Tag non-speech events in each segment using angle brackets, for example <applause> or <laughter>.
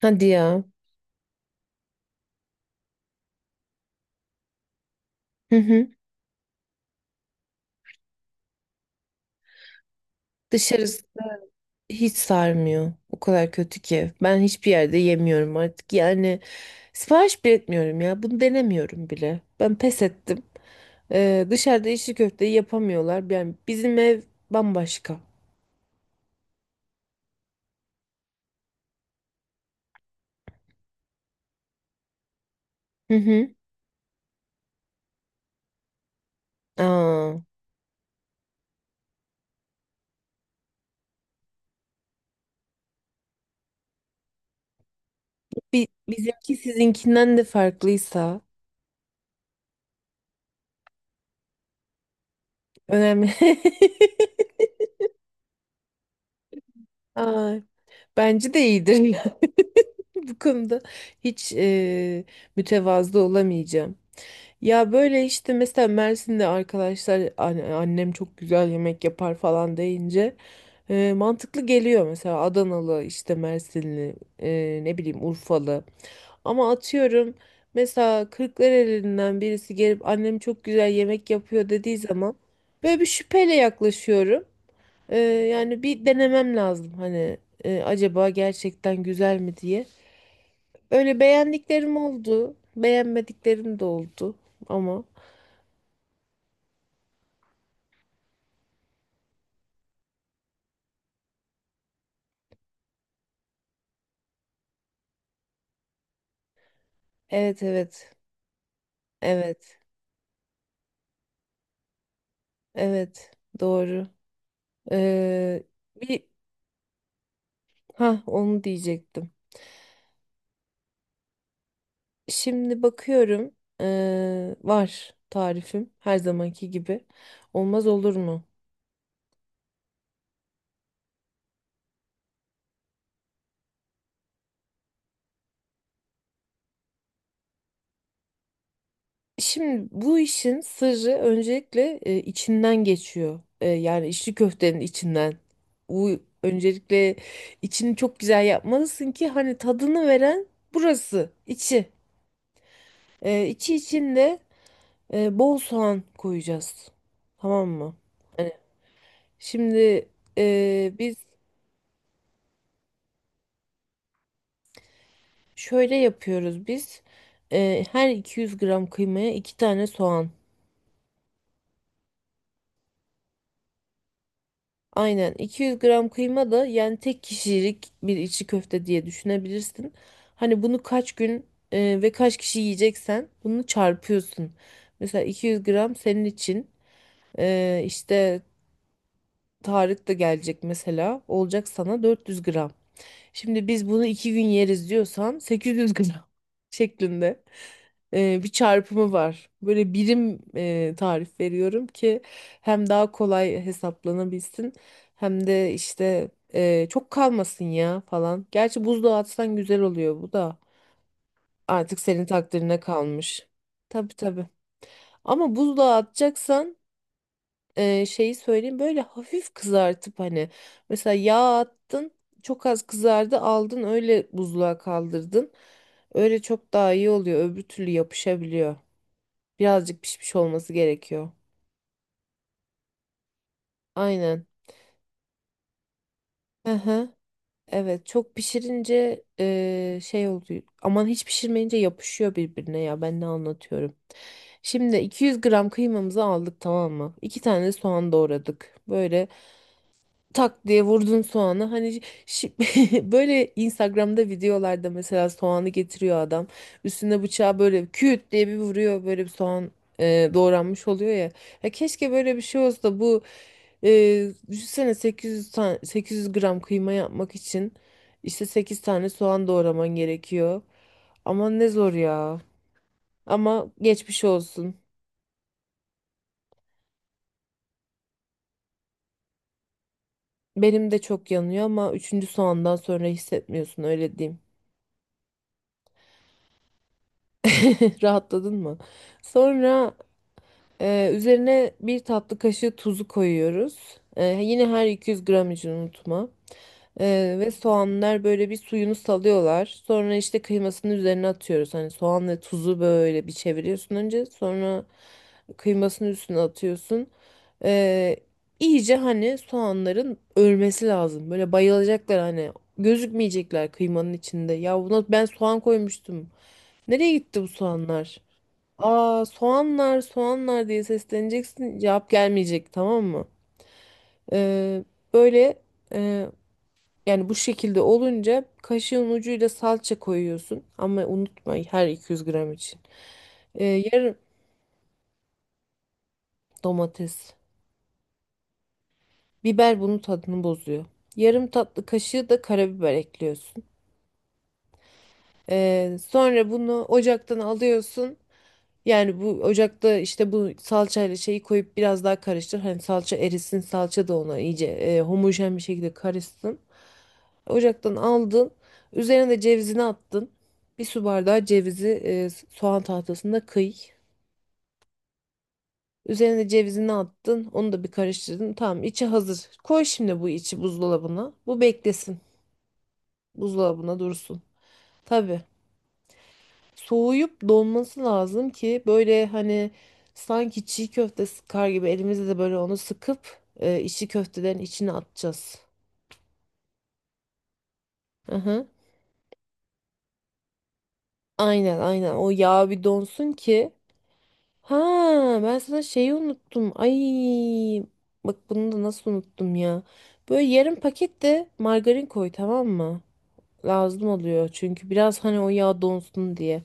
Hadi ya. Hı hı. Dışarısı hiç sarmıyor. O kadar kötü ki. Ben hiçbir yerde yemiyorum artık. Yani sipariş bile etmiyorum ya. Bunu denemiyorum bile. Ben pes ettim. Dışarıda içli köfteyi yapamıyorlar. Yani bizim ev bambaşka. Hı hı. Aa, bizimki sizinkinden de farklıysa önemli. <laughs> Aa, bence de iyidir, ya. <laughs> Bu konuda hiç mütevazı olamayacağım. Ya böyle işte mesela Mersin'de arkadaşlar annem çok güzel yemek yapar falan deyince mantıklı geliyor mesela Adanalı işte Mersinli ne bileyim Urfalı ama atıyorum mesela Kırklareli'nden birisi gelip annem çok güzel yemek yapıyor dediği zaman böyle bir şüpheyle yaklaşıyorum. Yani bir denemem lazım hani acaba gerçekten güzel mi diye. Öyle beğendiklerim oldu, beğenmediklerim de oldu ama. Evet evet. Evet. Evet. Doğru. Ee, bir Ha onu diyecektim. Şimdi bakıyorum. Var tarifim her zamanki gibi. Olmaz olur mu? Şimdi bu işin sırrı öncelikle içinden geçiyor. Yani içli köftenin içinden. Bu öncelikle içini çok güzel yapmalısın ki hani tadını veren burası, içi. İçi içinde. Bol soğan koyacağız. Tamam mı? Hani şimdi biz şöyle yapıyoruz biz. Her 200 gram kıymaya 2 tane soğan. Aynen 200 gram kıyma da yani tek kişilik bir içi köfte diye düşünebilirsin. Hani bunu kaç gün ve kaç kişi yiyeceksen bunu çarpıyorsun. Mesela 200 gram senin için işte Tarık da gelecek mesela olacak sana 400 gram. Şimdi biz bunu iki gün yeriz diyorsan 800 gram <laughs> şeklinde bir çarpımı var. Böyle birim tarif veriyorum ki hem daha kolay hesaplanabilsin hem de işte çok kalmasın ya falan. Gerçi buzluğa atsan güzel oluyor bu da artık senin takdirine kalmış. Tabii tabii. Ama buzluğa atacaksan şeyi söyleyeyim böyle hafif kızartıp hani mesela yağ attın çok az kızardı aldın öyle buzluğa kaldırdın. Öyle çok daha iyi oluyor öbür türlü yapışabiliyor. Birazcık pişmiş olması gerekiyor. Aynen. Hı hı. Evet çok pişirince şey oluyor. Aman hiç pişirmeyince yapışıyor birbirine ya ben ne anlatıyorum. Şimdi 200 gram kıymamızı aldık tamam mı? İki tane soğan doğradık. Böyle tak diye vurdun soğanı. Hani <laughs> böyle Instagram'da videolarda mesela soğanı getiriyor adam. Üstüne bıçağı böyle küt diye bir vuruyor. Böyle bir soğan doğranmış oluyor ya. Ya keşke böyle bir şey olsa da bu düşünsene 800 tane 800 gram kıyma yapmak için işte 8 tane soğan doğraman gerekiyor. Ama ne zor ya. Ama geçmiş olsun. Benim de çok yanıyor ama üçüncü soğandan sonra hissetmiyorsun öyle diyeyim. <laughs> Rahatladın mı? Sonra üzerine bir tatlı kaşığı tuzu koyuyoruz. Yine her 200 gram için unutma. Ve soğanlar böyle bir suyunu salıyorlar. Sonra işte kıymasını üzerine atıyoruz. Hani soğan ve tuzu böyle bir çeviriyorsun önce. Sonra kıymasını üstüne atıyorsun. E, iyice hani soğanların ölmesi lazım. Böyle bayılacaklar hani. Gözükmeyecekler kıymanın içinde. Ya buna ben soğan koymuştum. Nereye gitti bu soğanlar? Aa soğanlar soğanlar diye sesleneceksin cevap gelmeyecek tamam mı? Ee, Böyle e, yani bu şekilde olunca kaşığın ucuyla salça koyuyorsun ama unutma her 200 gram için. Yarım domates biber bunun tadını bozuyor. Yarım tatlı kaşığı da karabiber ekliyorsun. Sonra bunu ocaktan alıyorsun. Yani bu ocakta işte bu salçayla şeyi koyup biraz daha karıştır. Hani salça erisin, salça da ona iyice homojen bir şekilde karışsın. Ocaktan aldın. Üzerine de cevizini attın. Bir su bardağı cevizi soğan tahtasında kıy. Üzerine cevizini attın. Onu da bir karıştırdın. Tamam, içi hazır. Koy şimdi bu içi buzdolabına. Bu beklesin. Buzdolabına dursun. Tabii. Soğuyup donması lazım ki böyle hani sanki çiğ köfte sıkar gibi elimizde de böyle onu sıkıp içi köftelerin içine atacağız. Hı hı. Aynen aynen o yağ bir donsun ki. Ha ben sana şeyi unuttum. Ay bak bunu da nasıl unuttum ya. Böyle yarım paket de margarin koy tamam mı? Lazım oluyor çünkü biraz hani o yağ donsun diye.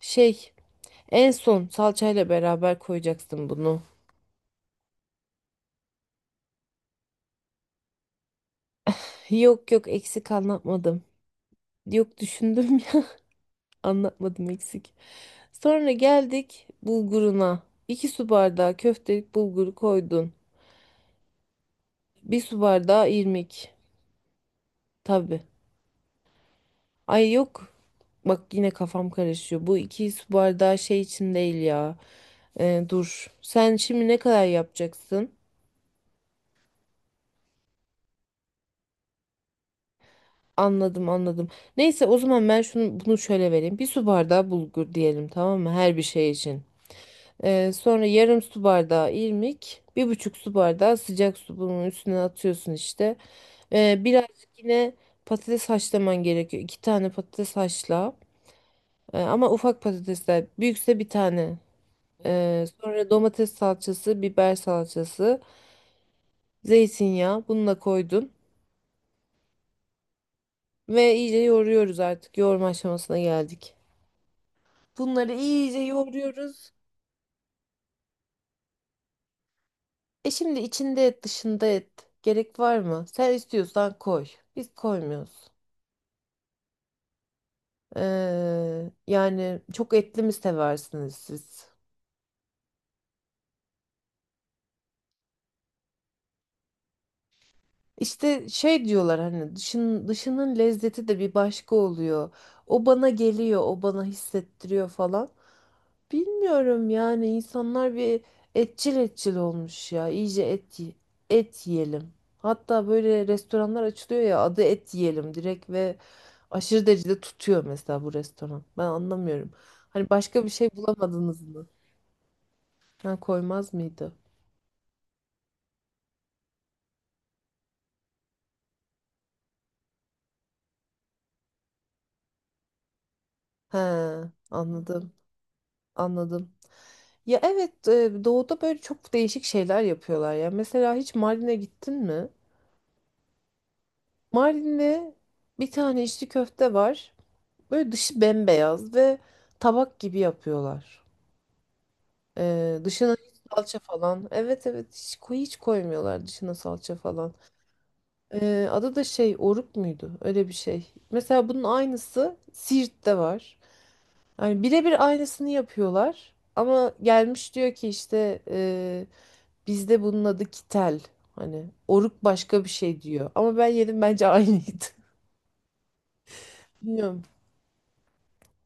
Şey En son salçayla beraber koyacaksın bunu. Yok yok eksik anlatmadım. Yok düşündüm <laughs> ya anlatmadım eksik. Sonra geldik bulguruna. İki su bardağı köftelik bulguru koydun. Bir su bardağı irmik. Tabii. Ay yok. Bak yine kafam karışıyor. Bu 2 su bardağı şey için değil ya. Dur. Sen şimdi ne kadar yapacaksın? Anladım anladım. Neyse o zaman ben şunu bunu şöyle vereyim. Bir su bardağı bulgur diyelim tamam mı? Her bir şey için. Sonra yarım su bardağı irmik, bir buçuk su bardağı sıcak su bunun üstüne atıyorsun işte. Birazcık yine patates haşlaman gerekiyor. İki tane patates haşla. Ama ufak patatesler. Büyükse bir tane. Sonra domates salçası, biber salçası, zeytinyağı bunu da koydun. Ve iyice yoğuruyoruz artık. Yoğurma aşamasına geldik. Bunları iyice yoğuruyoruz. Şimdi içinde et, dışında et. Gerek var mı? Sen istiyorsan koy. Biz koymuyoruz. Yani çok etli mi seversiniz siz? İşte şey diyorlar hani dışının lezzeti de bir başka oluyor. O bana geliyor, o bana hissettiriyor falan. Bilmiyorum yani insanlar bir etçil etçil olmuş ya. İyice et, et yiyelim. Hatta böyle restoranlar açılıyor ya adı et yiyelim direkt ve aşırı derecede tutuyor mesela bu restoran. Ben anlamıyorum. Hani başka bir şey bulamadınız mı? Ha, koymaz mıydı? He, anladım, anladım. Ya evet, doğuda böyle çok değişik şeyler yapıyorlar ya. Mesela hiç Mardin'e gittin mi? Mardin'de bir tane içli köfte var. Böyle dışı bembeyaz ve tabak gibi yapıyorlar. Dışına hiç salça falan. Evet evet hiç, hiç koymuyorlar dışına salça falan. Adı da şey oruk muydu? Öyle bir şey. Mesela bunun aynısı Siirt'te var. Yani birebir aynısını yapıyorlar. Ama gelmiş diyor ki işte bizde bunun adı kitel. Hani oruk başka bir şey diyor. Ama ben yedim bence aynıydı. <laughs> Bilmiyorum.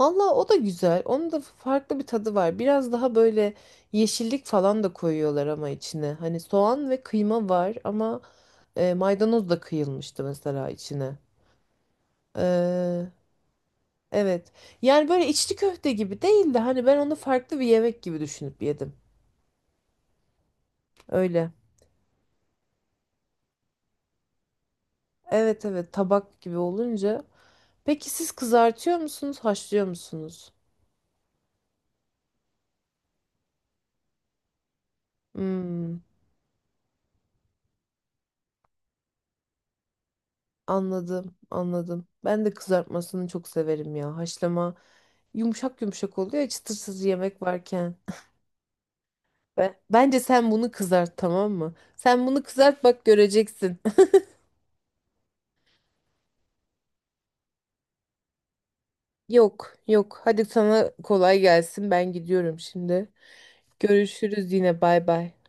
Valla o da güzel. Onun da farklı bir tadı var. Biraz daha böyle yeşillik falan da koyuyorlar ama içine. Hani soğan ve kıyma var ama maydanoz da kıyılmıştı mesela içine. Ee, evet. Yani böyle içli köfte gibi değil de hani ben onu farklı bir yemek gibi düşünüp yedim. Öyle. Evet evet tabak gibi olunca. Peki siz kızartıyor musunuz, haşlıyor musunuz? Hmm, anladım, anladım. Ben de kızartmasını çok severim ya. Haşlama yumuşak yumuşak oluyor ya, çıtırsız yemek varken. Bence sen bunu kızart tamam mı? Sen bunu kızart bak göreceksin. <laughs> Yok, yok. Hadi sana kolay gelsin. Ben gidiyorum şimdi. Görüşürüz yine. Bay bay.